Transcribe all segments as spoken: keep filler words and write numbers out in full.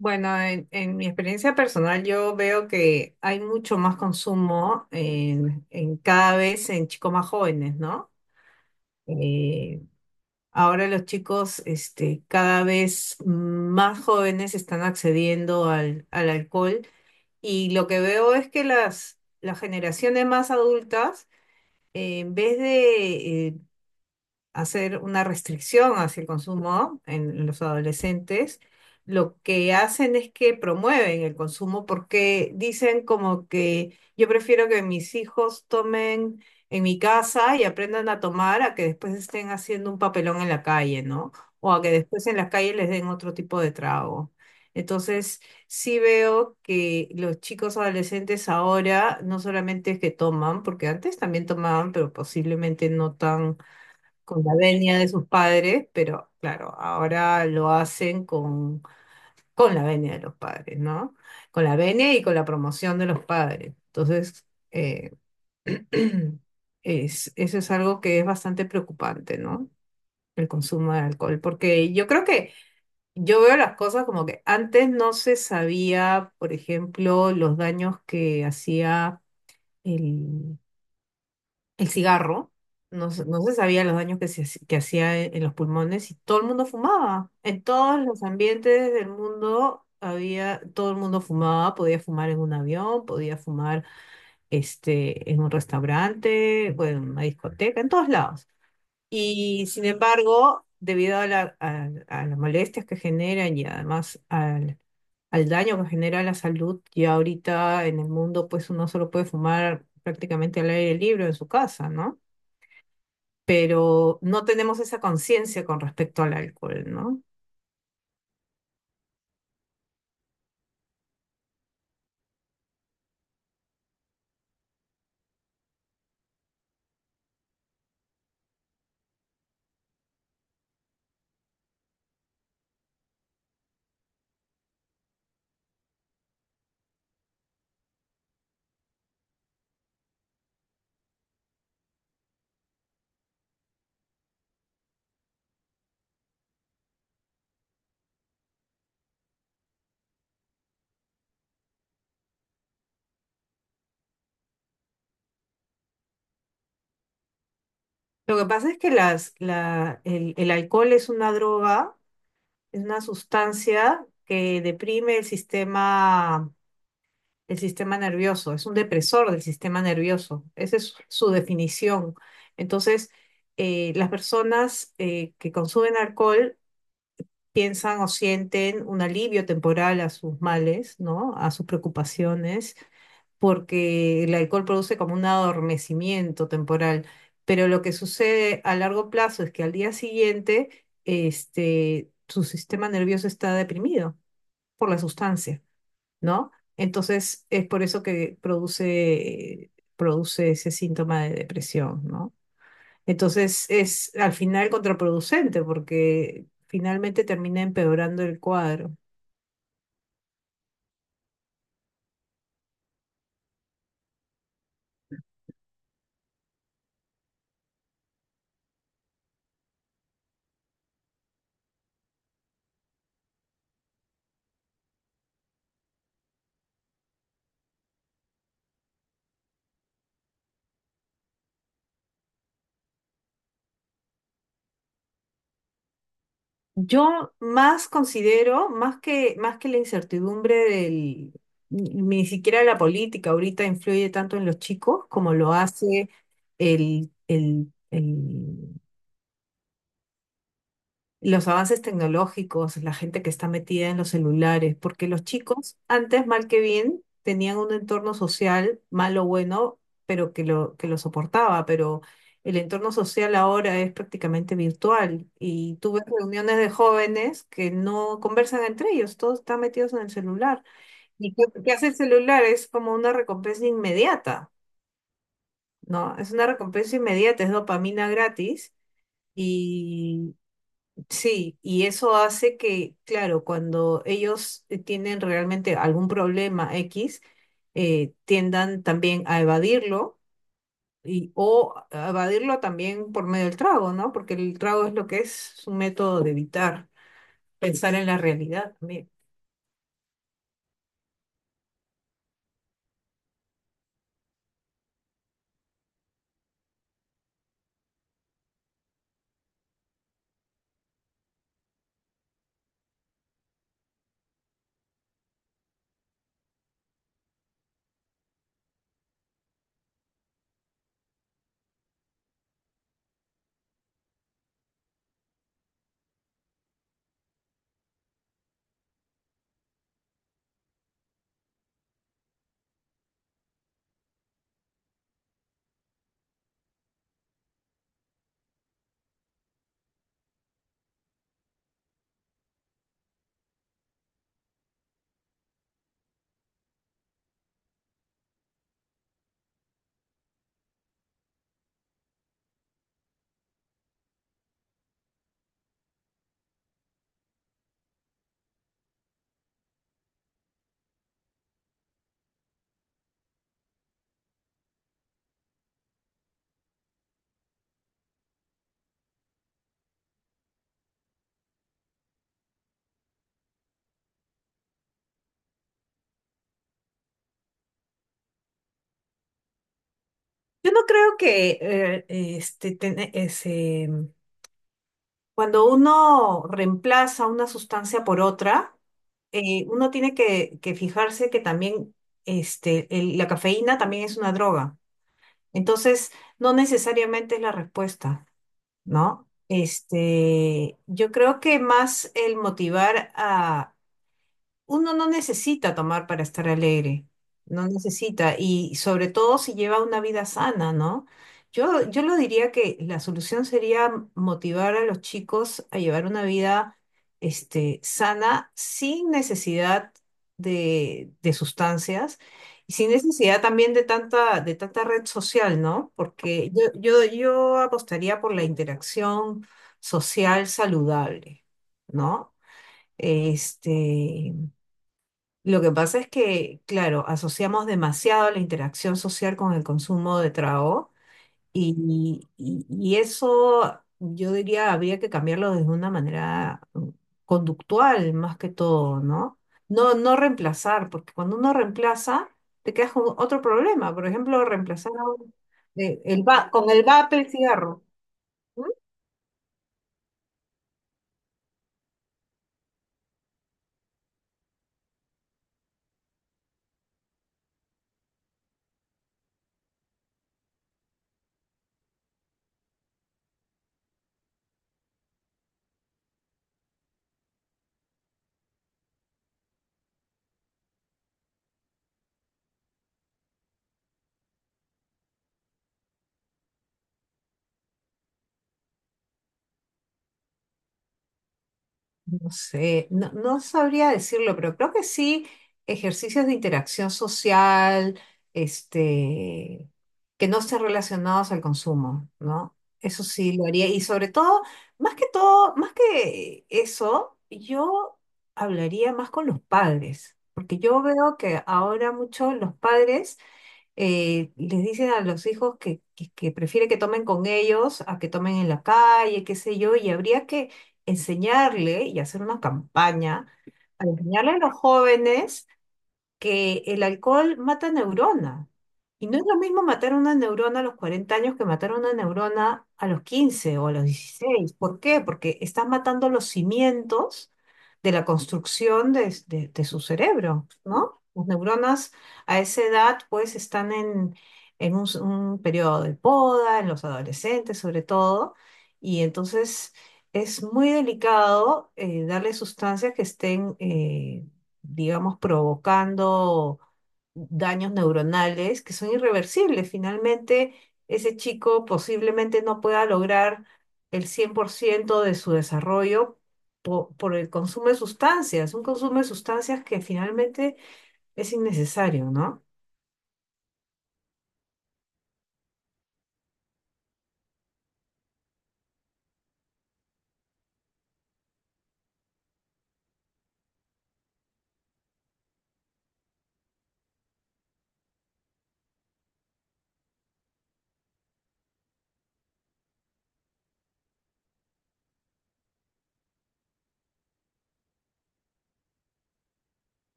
Bueno, en, en mi experiencia personal yo veo que hay mucho más consumo en, en cada vez en chicos más jóvenes, ¿no? Eh, Ahora los chicos este, cada vez más jóvenes están accediendo al, al alcohol y lo que veo es que las, las generaciones más adultas, eh, en vez de eh, hacer una restricción hacia el consumo en los adolescentes, lo que hacen es que promueven el consumo porque dicen como que yo prefiero que mis hijos tomen en mi casa y aprendan a tomar a que después estén haciendo un papelón en la calle, ¿no? O a que después en la calle les den otro tipo de trago. Entonces, sí veo que los chicos adolescentes ahora no solamente es que toman, porque antes también tomaban, pero posiblemente no tan con la venia de sus padres, pero claro, ahora lo hacen con, con la venia de los padres, ¿no? Con la venia y con la promoción de los padres. Entonces, eh, es, eso es algo que es bastante preocupante, ¿no? El consumo de alcohol, porque yo creo que yo veo las cosas como que antes no se sabía, por ejemplo, los daños que hacía el el cigarro, no, se- no se sabía los daños que, se haci- que hacía en, en los pulmones y todo el mundo fumaba. En todos los ambientes del mundo había, todo el mundo fumaba, podía fumar en un avión, podía fumar este, en un restaurante, bueno, en una discoteca, en todos lados. Y sin embargo, debido a, la- a- a las molestias que generan y además al, al daño que genera a la salud, ya ahorita en el mundo pues uno solo puede fumar prácticamente al aire libre en su casa, ¿no? Pero no tenemos esa conciencia con respecto al alcohol, ¿no? Lo que pasa es que las, la, el, el alcohol es una droga, es una sustancia que deprime el sistema, el sistema nervioso, es un depresor del sistema nervioso, esa es su definición. Entonces, eh, las personas eh, que consumen alcohol piensan o sienten un alivio temporal a sus males, ¿no? A sus preocupaciones porque el alcohol produce como un adormecimiento temporal, pero lo que sucede a largo plazo es que al día siguiente, este, su sistema nervioso está deprimido por la sustancia, ¿no? Entonces es por eso que produce, produce ese síntoma de depresión, ¿no? Entonces es al final contraproducente porque finalmente termina empeorando el cuadro. Yo más considero, más que, más que la incertidumbre del, ni ni siquiera la política ahorita influye tanto en los chicos como lo hace el, el, el los avances tecnológicos, la gente que está metida en los celulares, porque los chicos antes, mal que bien, tenían un entorno social, malo o bueno, pero que lo, que lo soportaba, pero el entorno social ahora es prácticamente virtual y tú ves reuniones de jóvenes que no conversan entre ellos, todos están metidos en el celular. ¿Y qué, qué hace el celular? Es como una recompensa inmediata, ¿no? Es una recompensa inmediata, es dopamina gratis. y Sí, y eso hace que, claro, cuando ellos eh, tienen realmente algún problema X, eh, tiendan también a evadirlo y, o a evadirlo también por medio del trago, ¿no? Porque el trago es lo que es un método de evitar pensar en la realidad también. Yo no creo que eh, este, ten- ese, mm, cuando uno reemplaza una sustancia por otra, eh, uno tiene que, que fijarse que también este, el- la cafeína también es una droga. Entonces, no necesariamente es la respuesta, ¿no? Este, yo creo que más el motivar a, uno no necesita tomar para estar alegre, no necesita, y sobre todo si lleva una vida sana, ¿no? Yo, yo lo diría que la solución sería motivar a los chicos a llevar una vida este, sana sin necesidad de, de sustancias y sin necesidad también de tanta, de tanta red social, ¿no? Porque yo, yo, yo apostaría por la interacción social saludable, ¿no? Este, lo que pasa es que, claro, asociamos demasiado la interacción social con el consumo de trago y, y- y eso yo diría habría que cambiarlo desde una manera mm, conductual más que todo, ¿no? No, no reemplazar, porque cuando uno reemplaza te quedas con otro problema. Por ejemplo, reemplazar a un- eh, el va- con el vape el cigarro. No sé, no, no sabría decirlo, pero creo que sí, ejercicios de interacción social, este, que no estén relacionados al consumo, ¿no? Eso sí lo haría. Y sobre todo, más que todo, más que eso, yo hablaría más con los padres, porque yo veo que ahora muchos los padres eh, les dicen a los hijos que, que, que prefiere que tomen con ellos a que tomen en la calle, qué sé yo, y habría que enseñarle y hacer una campaña para enseñarle a los jóvenes que el alcohol mata neurona. Y no es lo mismo matar una neurona a los cuarenta años que matar una neurona a los quince o a los dieciséis. ¿Por qué? Porque estás matando los cimientos de la construcción de, de- de su cerebro, ¿no? Las neuronas a esa edad pues están en, en un, s- un periodo de poda, en los adolescentes sobre todo, y entonces es muy delicado eh, darle sustancias que estén eh, digamos, provocando daños neuronales que son irreversibles. Finalmente, ese chico posiblemente no pueda lograr el cien por ciento de su desarrollo po- por, el consumo de sustancias, un consumo de sustancias que finalmente es innecesario, ¿no?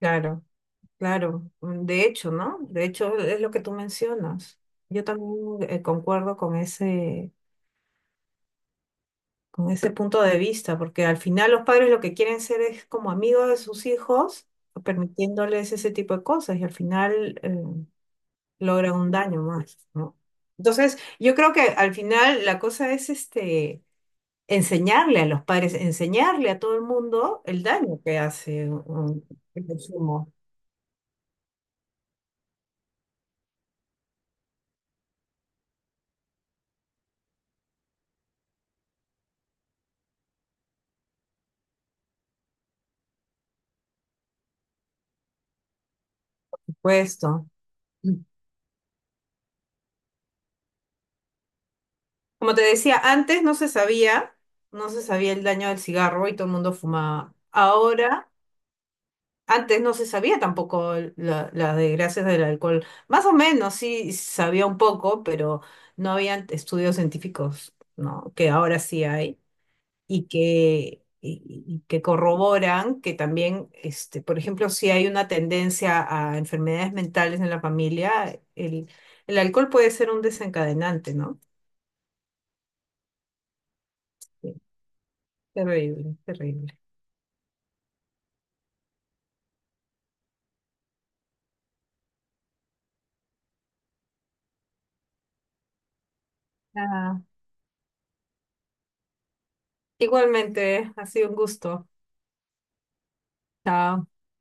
Claro, claro. De hecho, ¿no? De hecho, es lo que tú mencionas. Yo también eh, concuerdo con ese, con ese punto de vista, porque al final los padres lo que quieren ser es como amigos de sus hijos, permitiéndoles ese tipo de cosas y al final eh, logran un daño más, ¿no? Entonces, yo creo que al final la cosa es este, enseñarle a los padres, enseñarle a todo el mundo el daño que hace un, el consumo, por supuesto. Como te decía, antes no se sabía, no se sabía el daño del cigarro y todo el mundo fumaba. Ahora antes no se sabía tampoco la- las desgracias del alcohol. Más o menos sí sabía un poco, pero no habían estudios científicos, ¿no? Que ahora sí hay y que, y- y que corroboran que también, este, por ejemplo, si hay una tendencia a enfermedades mentales en la familia, el, el alcohol puede ser un desencadenante, ¿no? Sí. Terrible, terrible. Ah, igualmente, ha sido un gusto. Chao.